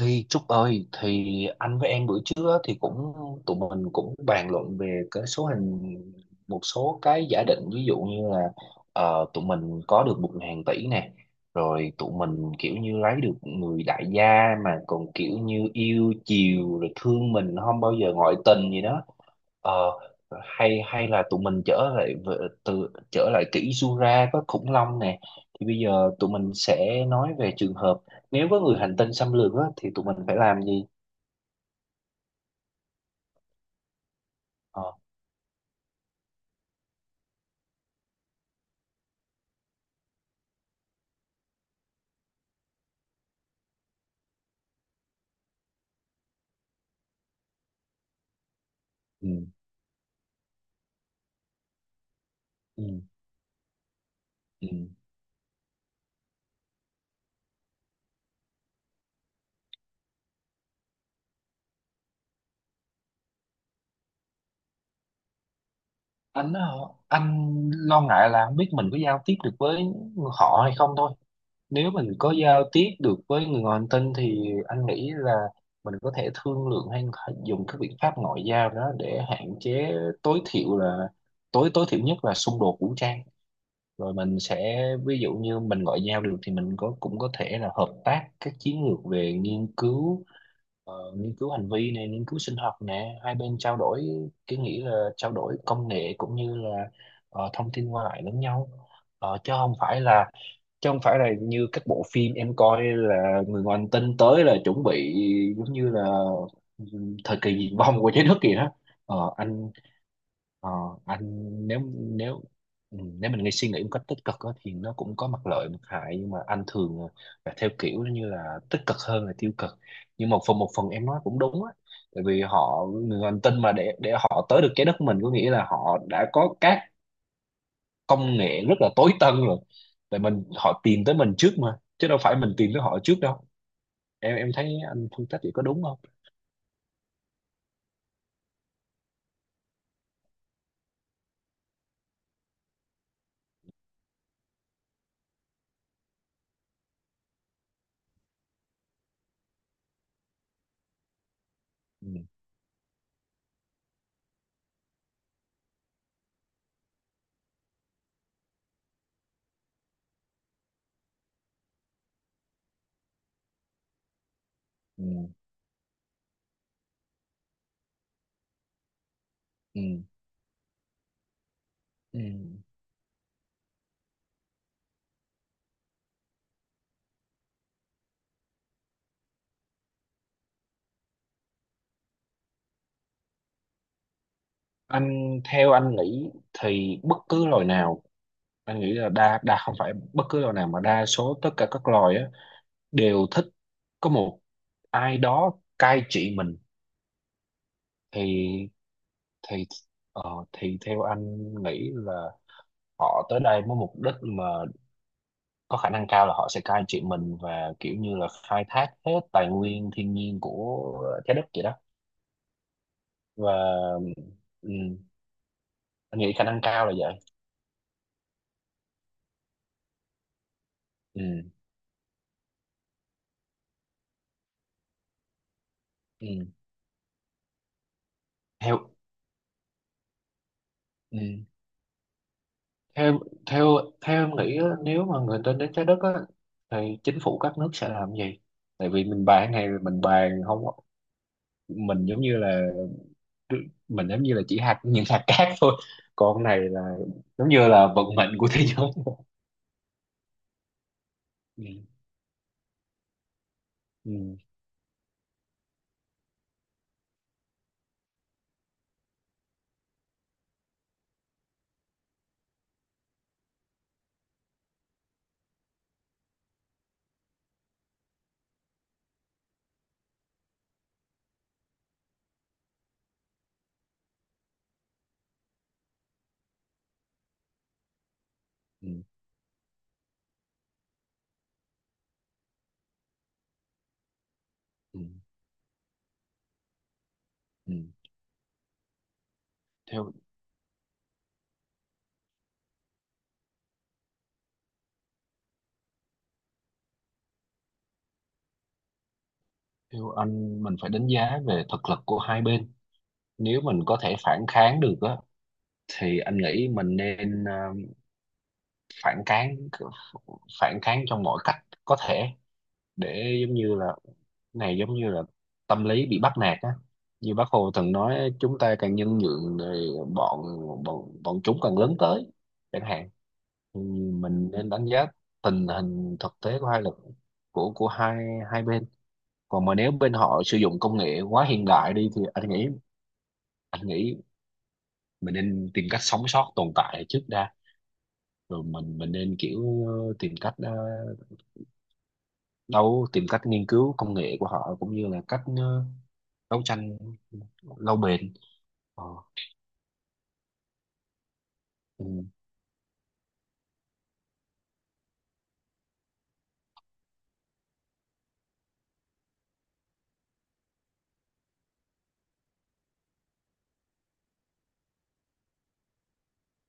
Thì Trúc ơi, thì anh với em bữa trước á, thì cũng tụi mình cũng bàn luận về cái số hình một số cái giả định, ví dụ như là tụi mình có được 1.000 tỷ nè, rồi tụi mình kiểu như lấy được người đại gia mà còn kiểu như yêu chiều, rồi thương mình không bao giờ ngoại tình gì đó. Ờ, hay hay là tụi mình trở lại về- từ trở lại kỷ Jura có khủng long nè, thì bây giờ tụi mình sẽ nói về trường hợp nếu có người hành tinh xâm lược á, thì tụi mình phải làm gì. Ờ, ừ, ừ, ừ. anh á, anh lo ngại là không biết mình có giao tiếp được với họ hay không thôi. Nếu mình có giao tiếp được với người ngoài hành tinh thì anh nghĩ là mình có thể thương lượng hay dùng các biện pháp ngoại giao đó để hạn chế tối thiểu là tối tối thiểu nhất là xung đột vũ trang. Rồi mình sẽ, ví dụ như mình ngoại giao được thì mình có cũng có thể là hợp tác các chiến lược về nghiên cứu, nghiên cứu hành vi này, nghiên cứu sinh học nè, hai bên trao đổi, cái nghĩa là trao đổi công nghệ cũng như là thông tin qua lại lẫn nhau. Ờ, chứ không phải là chứ không phải là như các bộ phim em coi là người ngoài hành tinh tới là chuẩn bị giống như là, ừ, thời kỳ diệt vong của trái đất kìa đó. Ờ, anh Ờ, anh nếu nếu ừ, Nếu mình nghĩ suy nghĩ một cách tích cực á, thì nó cũng có mặt lợi mặt hại, nhưng mà anh thường là theo kiểu như là tích cực hơn là tiêu cực. Nhưng một phần em nói cũng đúng á, tại vì họ người hành tinh mà, để họ tới được trái đất mình có nghĩa là họ đã có các công nghệ rất là tối tân rồi. Tại mình họ tìm tới mình trước mà, chứ đâu phải mình tìm tới họ trước đâu. Em thấy anh phân tích vậy có đúng không? Ừ, ừ, ừ, ừ. Theo anh nghĩ thì bất cứ loài nào, anh nghĩ là đa đa không phải bất cứ loài nào mà đa số tất cả các loài á đều thích có một ai đó cai trị mình. Thì thì ờ, thì theo anh nghĩ là họ tới đây với mục đích mà có khả năng cao là họ sẽ cai trị mình và kiểu như là khai thác hết tài nguyên thiên nhiên của trái đất vậy đó. và ừ, anh nghĩ khả năng cao là vậy. Ừ, ừ. theo ừ. theo theo Theo em nghĩ á, nếu mà người ta đến trái đất á thì chính phủ các nước sẽ làm gì? Tại vì mình bàn này mình bàn không, mình giống như là, mình giống như là chỉ hạt, những hạt cát thôi, còn này là giống như là vận mệnh của thế giới. Ừ, ừ, ừ, ừ, ừ. theo theo anh mình phải đánh giá về thực lực của hai bên. Nếu mình có thể phản kháng được á thì anh nghĩ mình nên phản kháng, phản kháng trong mọi cách có thể, để giống như là, này giống như là tâm lý bị bắt nạt á, như bác Hồ từng nói chúng ta càng nhân nhượng thì bọn bọn bọn chúng càng lớn tới, chẳng hạn. Thì mình nên đánh giá tình hình thực tế của hai lực, của hai hai bên. Còn mà nếu bên họ sử dụng công nghệ quá hiện đại đi thì anh nghĩ mình nên tìm cách sống sót tồn tại trước đã, rồi mình nên kiểu tìm cách, ờ, đâu tìm cách nghiên cứu công nghệ của họ cũng như là cách đấu tranh lâu bền. ờ, ừ,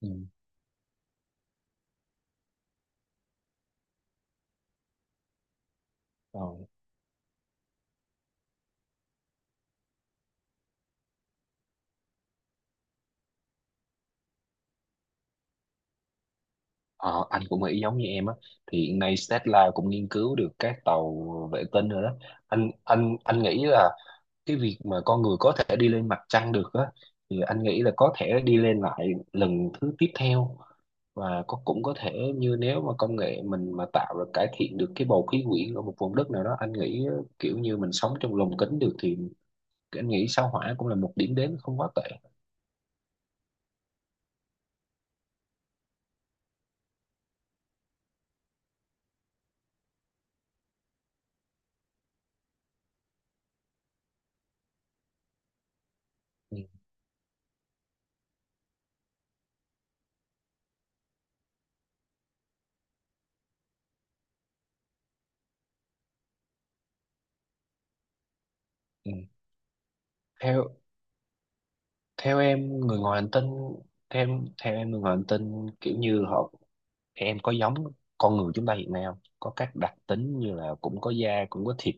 ừ, rồi. Ờ, anh cũng nghĩ giống như em á, thì hiện nay Tesla cũng nghiên cứu được các tàu vệ tinh rồi đó. Anh nghĩ là cái việc mà con người có thể đi lên mặt trăng được á, thì anh nghĩ là có thể đi lên lại lần thứ tiếp theo. Và có cũng có thể như, nếu mà công nghệ mình mà tạo ra cải thiện được cái bầu khí quyển ở một vùng đất nào đó, anh nghĩ kiểu như mình sống trong lồng kính được, thì anh nghĩ sao Hỏa cũng là một điểm đến không quá tệ. Ừ. Ừ. theo Theo em người ngoài hành tinh, theo em người ngoài hành tinh kiểu như họ, em có giống con người chúng ta hiện nay không, có các đặc tính như là cũng có da, cũng có thịt,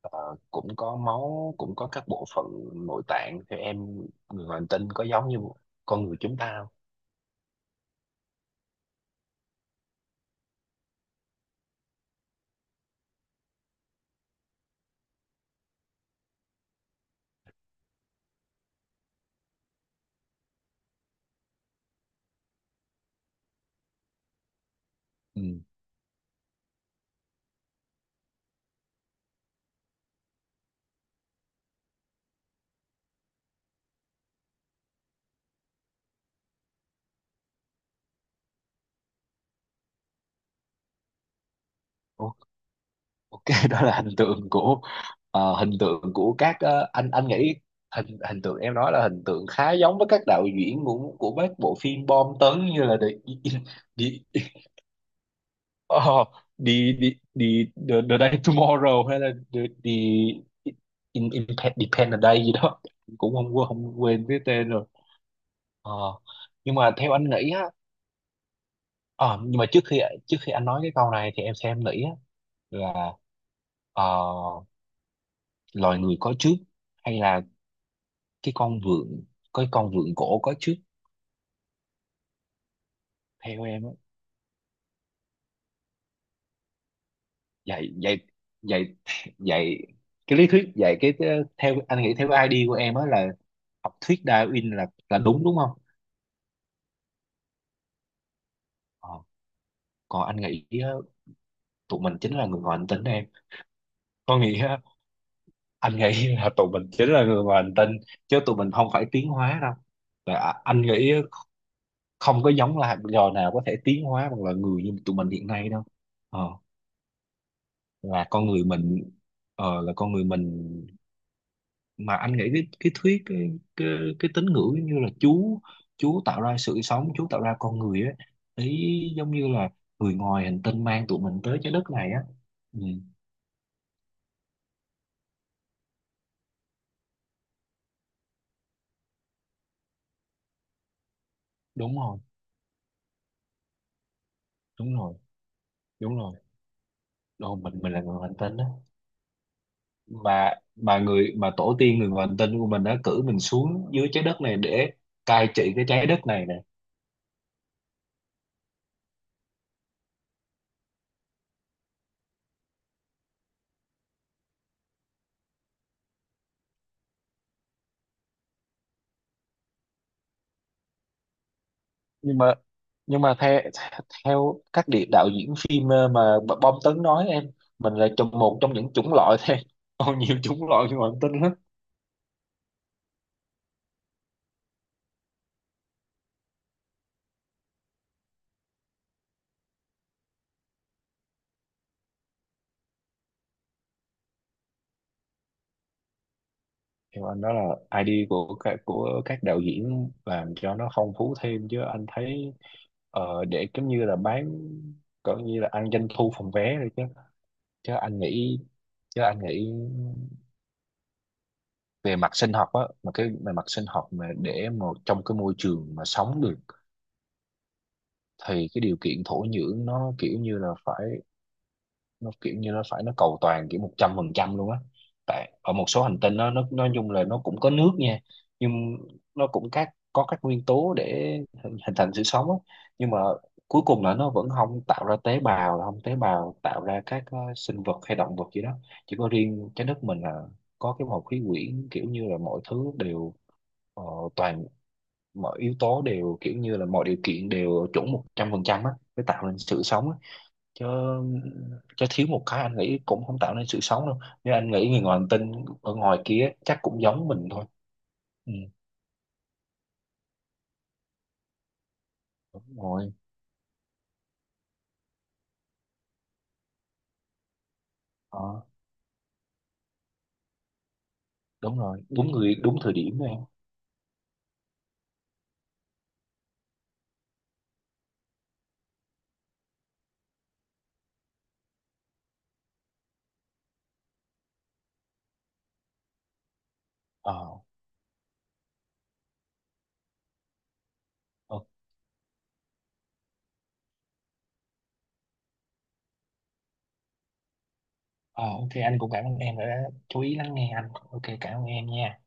cũng có máu, cũng có các bộ phận nội tạng? Theo em, người ngoài hành tinh có giống như con người chúng ta không? Ừ. Ô- OK, đó là hình tượng của, hình tượng của các, anh nghĩ hình hình tượng em nói là hình tượng khá giống với các đạo diễn của các bộ phim bom tấn như là The, Ờ, đi đi đi the, day tomorrow hay là the, in, depend the day gì đó, cũng không quên cái tên rồi. ờ, nhưng mà theo anh nghĩ á, ờ, nhưng mà trước khi anh nói cái câu này thì em xem em nghĩ á, là ờ, loài người có trước hay là cái con vượn cái con vượn cổ có trước, theo em á? Dạy dạy dạy dạy cái lý thuyết dạy cái theo anh nghĩ, theo cái ID của em á là học thuyết Darwin là đúng đúng không? Ờ. Còn anh nghĩ á, tụi mình chính là người ngoài hành tinh, em có nghĩa á, anh nghĩ là tụi mình chính là người ngoài hành tinh, chứ tụi mình không phải tiến hóa đâu. Là à, anh nghĩ á, không có giống là loài nào có thể tiến hóa bằng là người như tụi mình hiện nay đâu. ờ, là con người mình là con người mình. Mà anh nghĩ cái, cái, cái tín ngưỡng giống như là Chúa, Chúa tạo ra sự sống, Chúa tạo ra con người á, ý giống như là người ngoài hành tinh mang tụi mình tới trái đất này á. Ừ, đúng rồi, đúng rồi, đúng rồi. Đâu, mình là người hành tinh đó. Mà người mà tổ tiên người ngoài hành tinh của mình đã cử mình xuống dưới trái đất này để cai trị cái trái đất này nè. Nhưng mà nhưng mà theo theo các đạo diễn phim mà bom tấn nói, em mình là trong một trong những chủng loại thôi. Còn nhiều chủng loại người ngoài hành tinh lắm. Theo anh đó là ID của các, đạo diễn làm cho nó phong phú thêm, chứ anh thấy để giống như là bán, cỡ như là ăn doanh thu phòng vé rồi chứ. Chứ anh nghĩ chứ anh nghĩ về mặt sinh học á, mà cái về mặt sinh học mà để một trong cái môi trường mà sống được, thì cái điều kiện thổ nhưỡng nó kiểu như là phải, nó kiểu như nó phải nó cầu toàn kiểu 100% luôn á. Tại ở một số hành tinh nó nói chung là nó cũng có nước nha, nhưng nó cũng có các nguyên tố để hình hình thành sự sống á, nhưng mà cuối cùng là nó vẫn không tạo ra tế bào, không tế bào tạo ra các sinh vật hay động vật gì đó. Chỉ có riêng trái đất mình là có cái bầu khí quyển kiểu như là mọi thứ đều, ờ, toàn mọi yếu tố đều kiểu như là mọi điều kiện đều chuẩn 100% á để tạo nên sự sống á. Chứ Chứ thiếu một cái anh nghĩ cũng không tạo nên sự sống đâu, nhưng anh nghĩ người ngoài hành tinh ở ngoài kia chắc cũng giống mình thôi. Ừ, đúng rồi. ờ, Đúng rồi, đúng người đúng thời điểm này. ờ, ờ, ờ, OK, anh cũng cảm ơn em đã chú ý lắng nghe anh. OK, cảm ơn em nha.